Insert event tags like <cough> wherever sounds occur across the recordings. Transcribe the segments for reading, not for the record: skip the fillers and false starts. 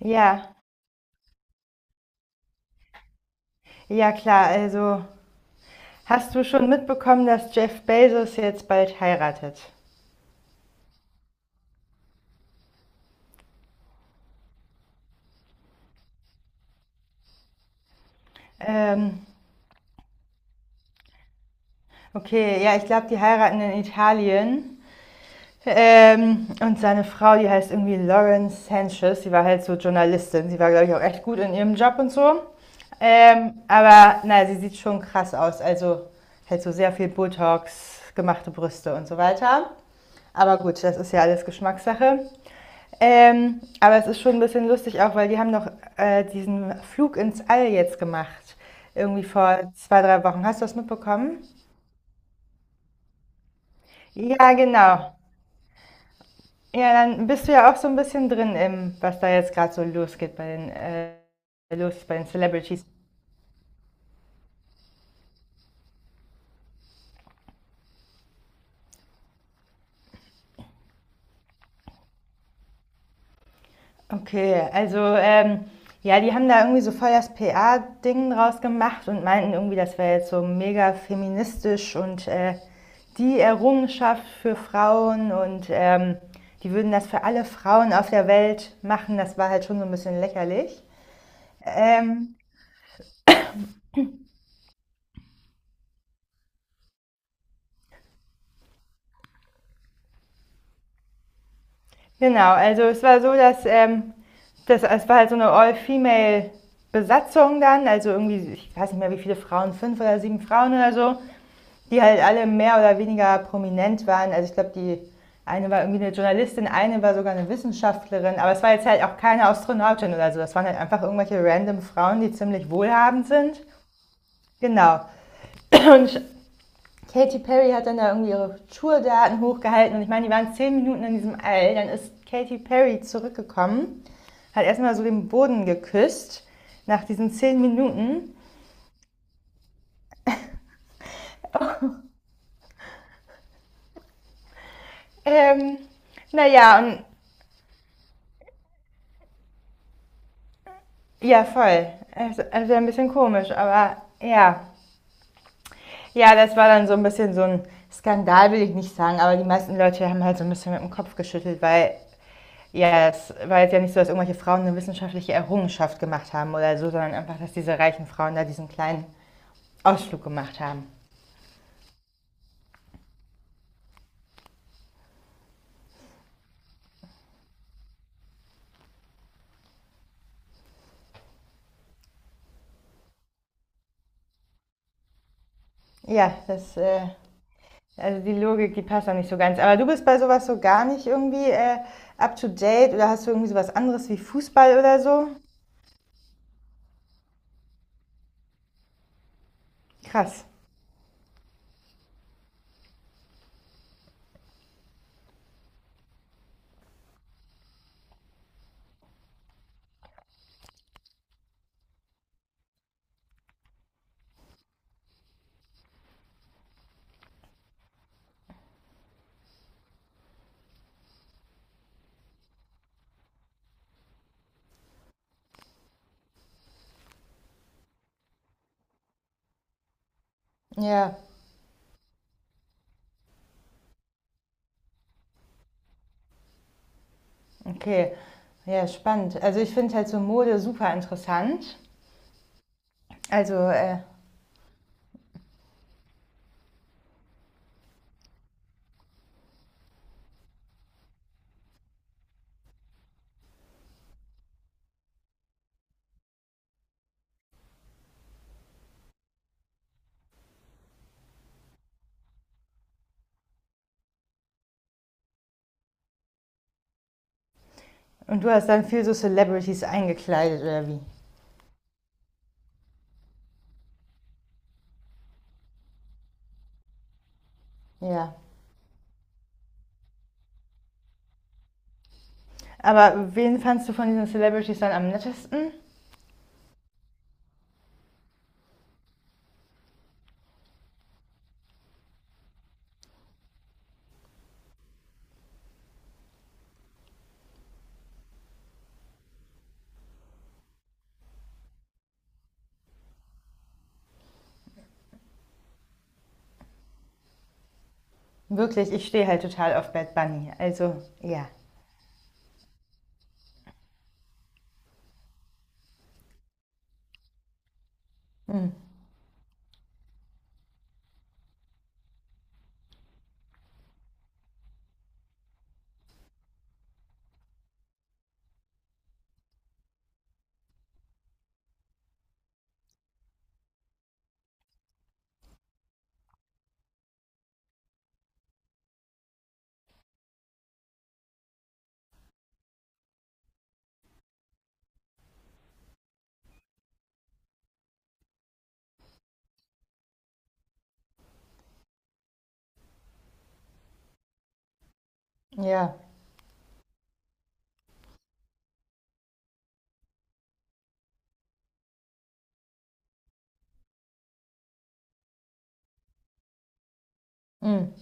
Ja, ja klar. Also, hast du schon mitbekommen, dass Jeff Bezos jetzt bald heiratet? Ähm, okay, ja, ich glaube, die heiraten in Italien. Und seine Frau, die heißt irgendwie Lauren Sanchez. Sie war halt so Journalistin. Sie war, glaube ich, auch echt gut in ihrem Job und so. Aber naja, sie sieht schon krass aus. Also halt so sehr viel Botox, gemachte Brüste und so weiter. Aber gut, das ist ja alles Geschmackssache. Aber es ist schon ein bisschen lustig auch, weil die haben noch diesen Flug ins All jetzt gemacht. Irgendwie vor zwei, drei Wochen. Hast du das mitbekommen? Ja, genau. Ja, dann bist du ja auch so ein bisschen drin im, was da jetzt gerade so losgeht bei den, los bei den Celebrities. Okay, also ja, die haben da irgendwie so voll das PA-Ding draus gemacht und meinten irgendwie, das wäre jetzt so mega feministisch und die Errungenschaft für Frauen und die würden das für alle Frauen auf der Welt machen. Das war halt schon so ein bisschen lächerlich. Ähm, genau, also es war so, dass es war halt so eine All-Female-Besatzung dann, also irgendwie, ich weiß nicht mehr wie viele Frauen, fünf oder sieben Frauen oder so, die halt alle mehr oder weniger prominent waren. Also ich glaube, die eine war irgendwie eine Journalistin, eine war sogar eine Wissenschaftlerin, aber es war jetzt halt auch keine Astronautin oder so. Das waren halt einfach irgendwelche random Frauen, die ziemlich wohlhabend sind. Genau. <clears throat> Und Katy Perry hat dann da irgendwie ihre Tourdaten hochgehalten, und ich meine, die waren zehn Minuten in diesem All. Dann ist Katy Perry zurückgekommen, hat erstmal so den Boden geküsst nach diesen zehn Minuten. Ähm, naja, und Ja, voll. Es es ein bisschen komisch, aber ja. Ja, das war dann so ein bisschen so ein Skandal, will ich nicht sagen, aber die meisten Leute haben halt so ein bisschen mit dem Kopf geschüttelt, weil ja, es war jetzt ja nicht so, dass irgendwelche Frauen eine wissenschaftliche Errungenschaft gemacht haben oder so, sondern einfach, dass diese reichen Frauen da diesen kleinen Ausflug gemacht haben. Ja, das, äh, also die Logik, die passt auch nicht so ganz. Aber du bist bei sowas so gar nicht irgendwie up to date, oder hast du irgendwie sowas anderes wie Fußball oder so? Krass. Ja. Okay, ja, spannend. Also ich finde halt so Mode super interessant. Also, äh, und du hast dann viel so Celebrities eingekleidet oder wie? Ja. Aber wen fandst du von diesen Celebrities dann am nettesten? Wirklich, ich stehe halt total auf Bad Bunny. Also, ja. Mm, ja. Mm,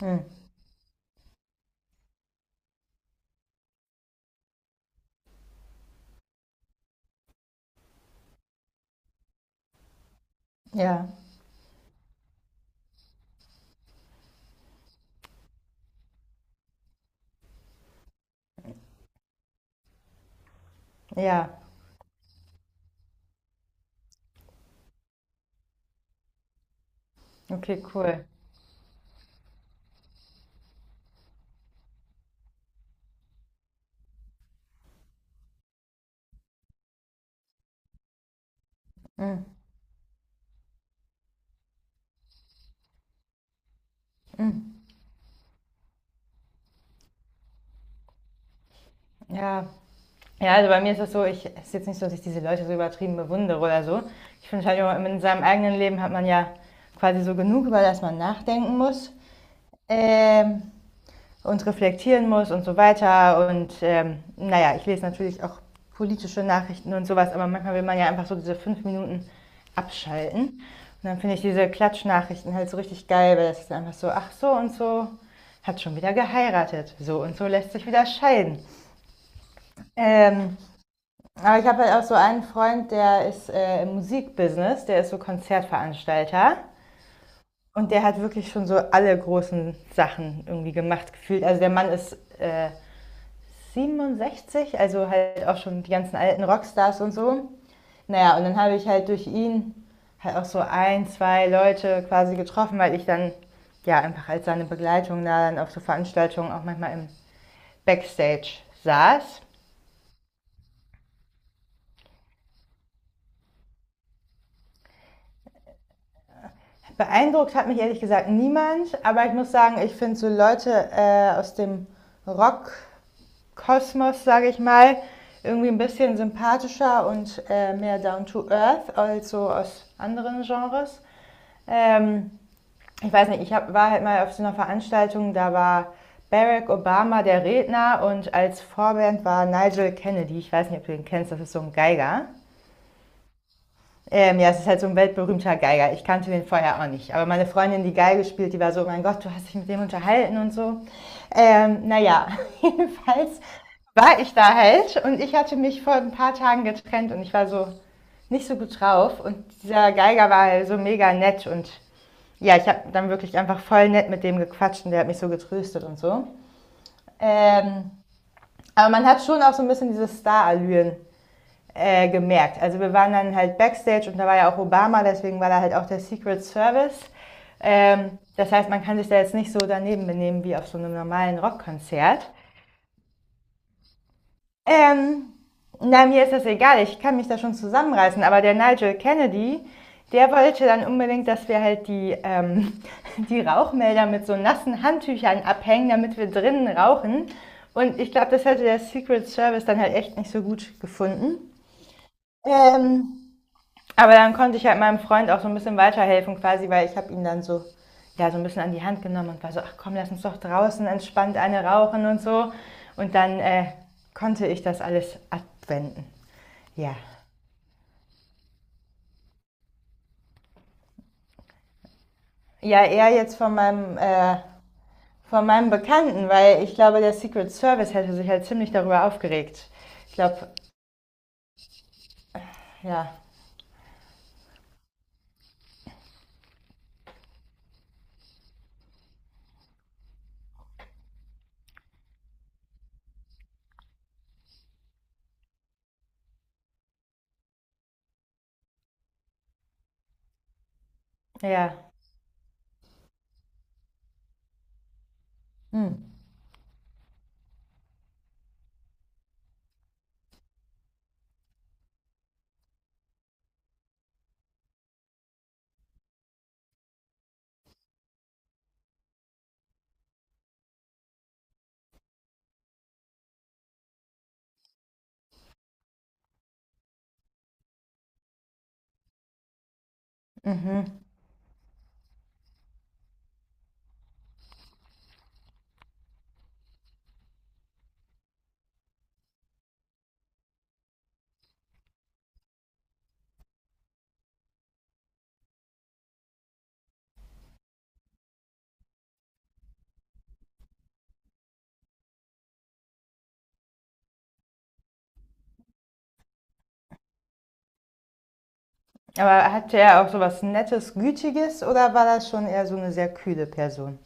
mm, ja. Ja. Okay, cool. Ja. Ja, also bei mir ist das so, ich, es ist jetzt nicht so, dass ich diese Leute so übertrieben bewundere oder so. Ich finde halt, immer, in seinem eigenen Leben hat man ja quasi so genug, über das man nachdenken muss. ähm, und reflektieren muss und so weiter. Und naja, ich lese natürlich auch politische Nachrichten und sowas, aber manchmal will man ja einfach so diese fünf Minuten abschalten. Und dann finde ich diese Klatschnachrichten halt so richtig geil, weil das ist einfach so, ach so und so hat schon wieder geheiratet, so und so lässt sich wieder scheiden. Ähm, aber ich habe halt auch so einen Freund, der ist im Musikbusiness, der ist so Konzertveranstalter. Und der hat wirklich schon so alle großen Sachen irgendwie gemacht, gefühlt. Also der Mann ist äh, 67, also halt auch schon die ganzen alten Rockstars und so. Naja, und dann habe ich halt durch ihn halt auch so ein, zwei Leute quasi getroffen, weil ich dann ja einfach als seine Begleitung da dann auf so Veranstaltungen auch manchmal im Backstage saß. Beeindruckt hat mich ehrlich gesagt niemand, aber ich muss sagen, ich finde so Leute aus dem Rock Kosmos, sage ich mal, irgendwie ein bisschen sympathischer und mehr down to earth, also aus anderen Genres. Ähm, ich weiß nicht, ich hab, war halt mal auf so einer Veranstaltung, da war Barack Obama der Redner und als Vorband war Nigel Kennedy. Ich weiß nicht, ob du den kennst, das ist so ein Geiger. Ja, es ist halt so ein weltberühmter Geiger. Ich kannte den vorher auch nicht. Aber meine Freundin, die Geige spielt, die war so, mein Gott, du hast dich mit dem unterhalten und so. Ähm, naja, <laughs> jedenfalls war ich da halt, und ich hatte mich vor ein paar Tagen getrennt und ich war so nicht so gut drauf. Und dieser Geiger war halt so mega nett, und ja, ich habe dann wirklich einfach voll nett mit dem gequatscht und der hat mich so getröstet und so. Ähm, aber man hat schon auch so ein bisschen diese Star-Allüren gemerkt. Also wir waren dann halt backstage und da war ja auch Obama, deswegen war da halt auch der Secret Service. Das heißt, man kann sich da jetzt nicht so daneben benehmen wie auf so einem normalen Rockkonzert. Ähm, na, mir ist das egal, ich kann mich da schon zusammenreißen, aber der Nigel Kennedy, der wollte dann unbedingt, dass wir halt die, <laughs> die Rauchmelder mit so nassen Handtüchern abhängen, damit wir drinnen rauchen. Und ich glaube, das hätte der Secret Service dann halt echt nicht so gut gefunden. Ähm, Aber dann konnte ich halt meinem Freund auch so ein bisschen weiterhelfen quasi, weil ich habe ihn dann so, ja, so ein bisschen an die Hand genommen und war so, ach komm, lass uns doch draußen entspannt eine rauchen und so. Und dann konnte ich das alles abwenden. Ja. Ja, eher jetzt von meinem Bekannten, weil ich glaube, der Secret Service hätte sich halt ziemlich darüber aufgeregt. Ich glaube, ja, ja. Hm. Mhm. Aber hatte er auch so was Nettes, Gütiges, oder war das schon eher so eine sehr kühle Person?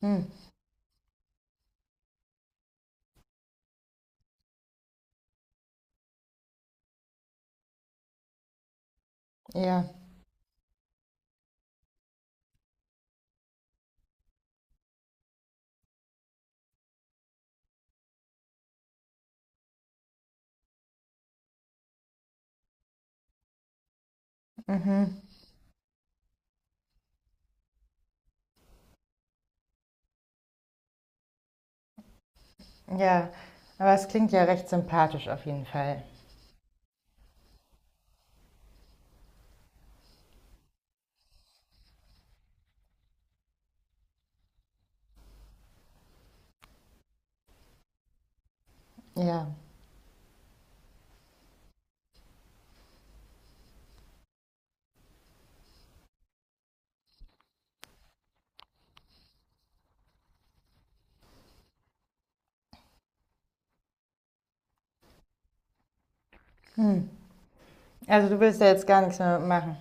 Hm. Ja. Mhm. Ja, aber es klingt ja recht sympathisch auf jeden Fall. Ja. Also du willst ja jetzt gar nichts mehr machen.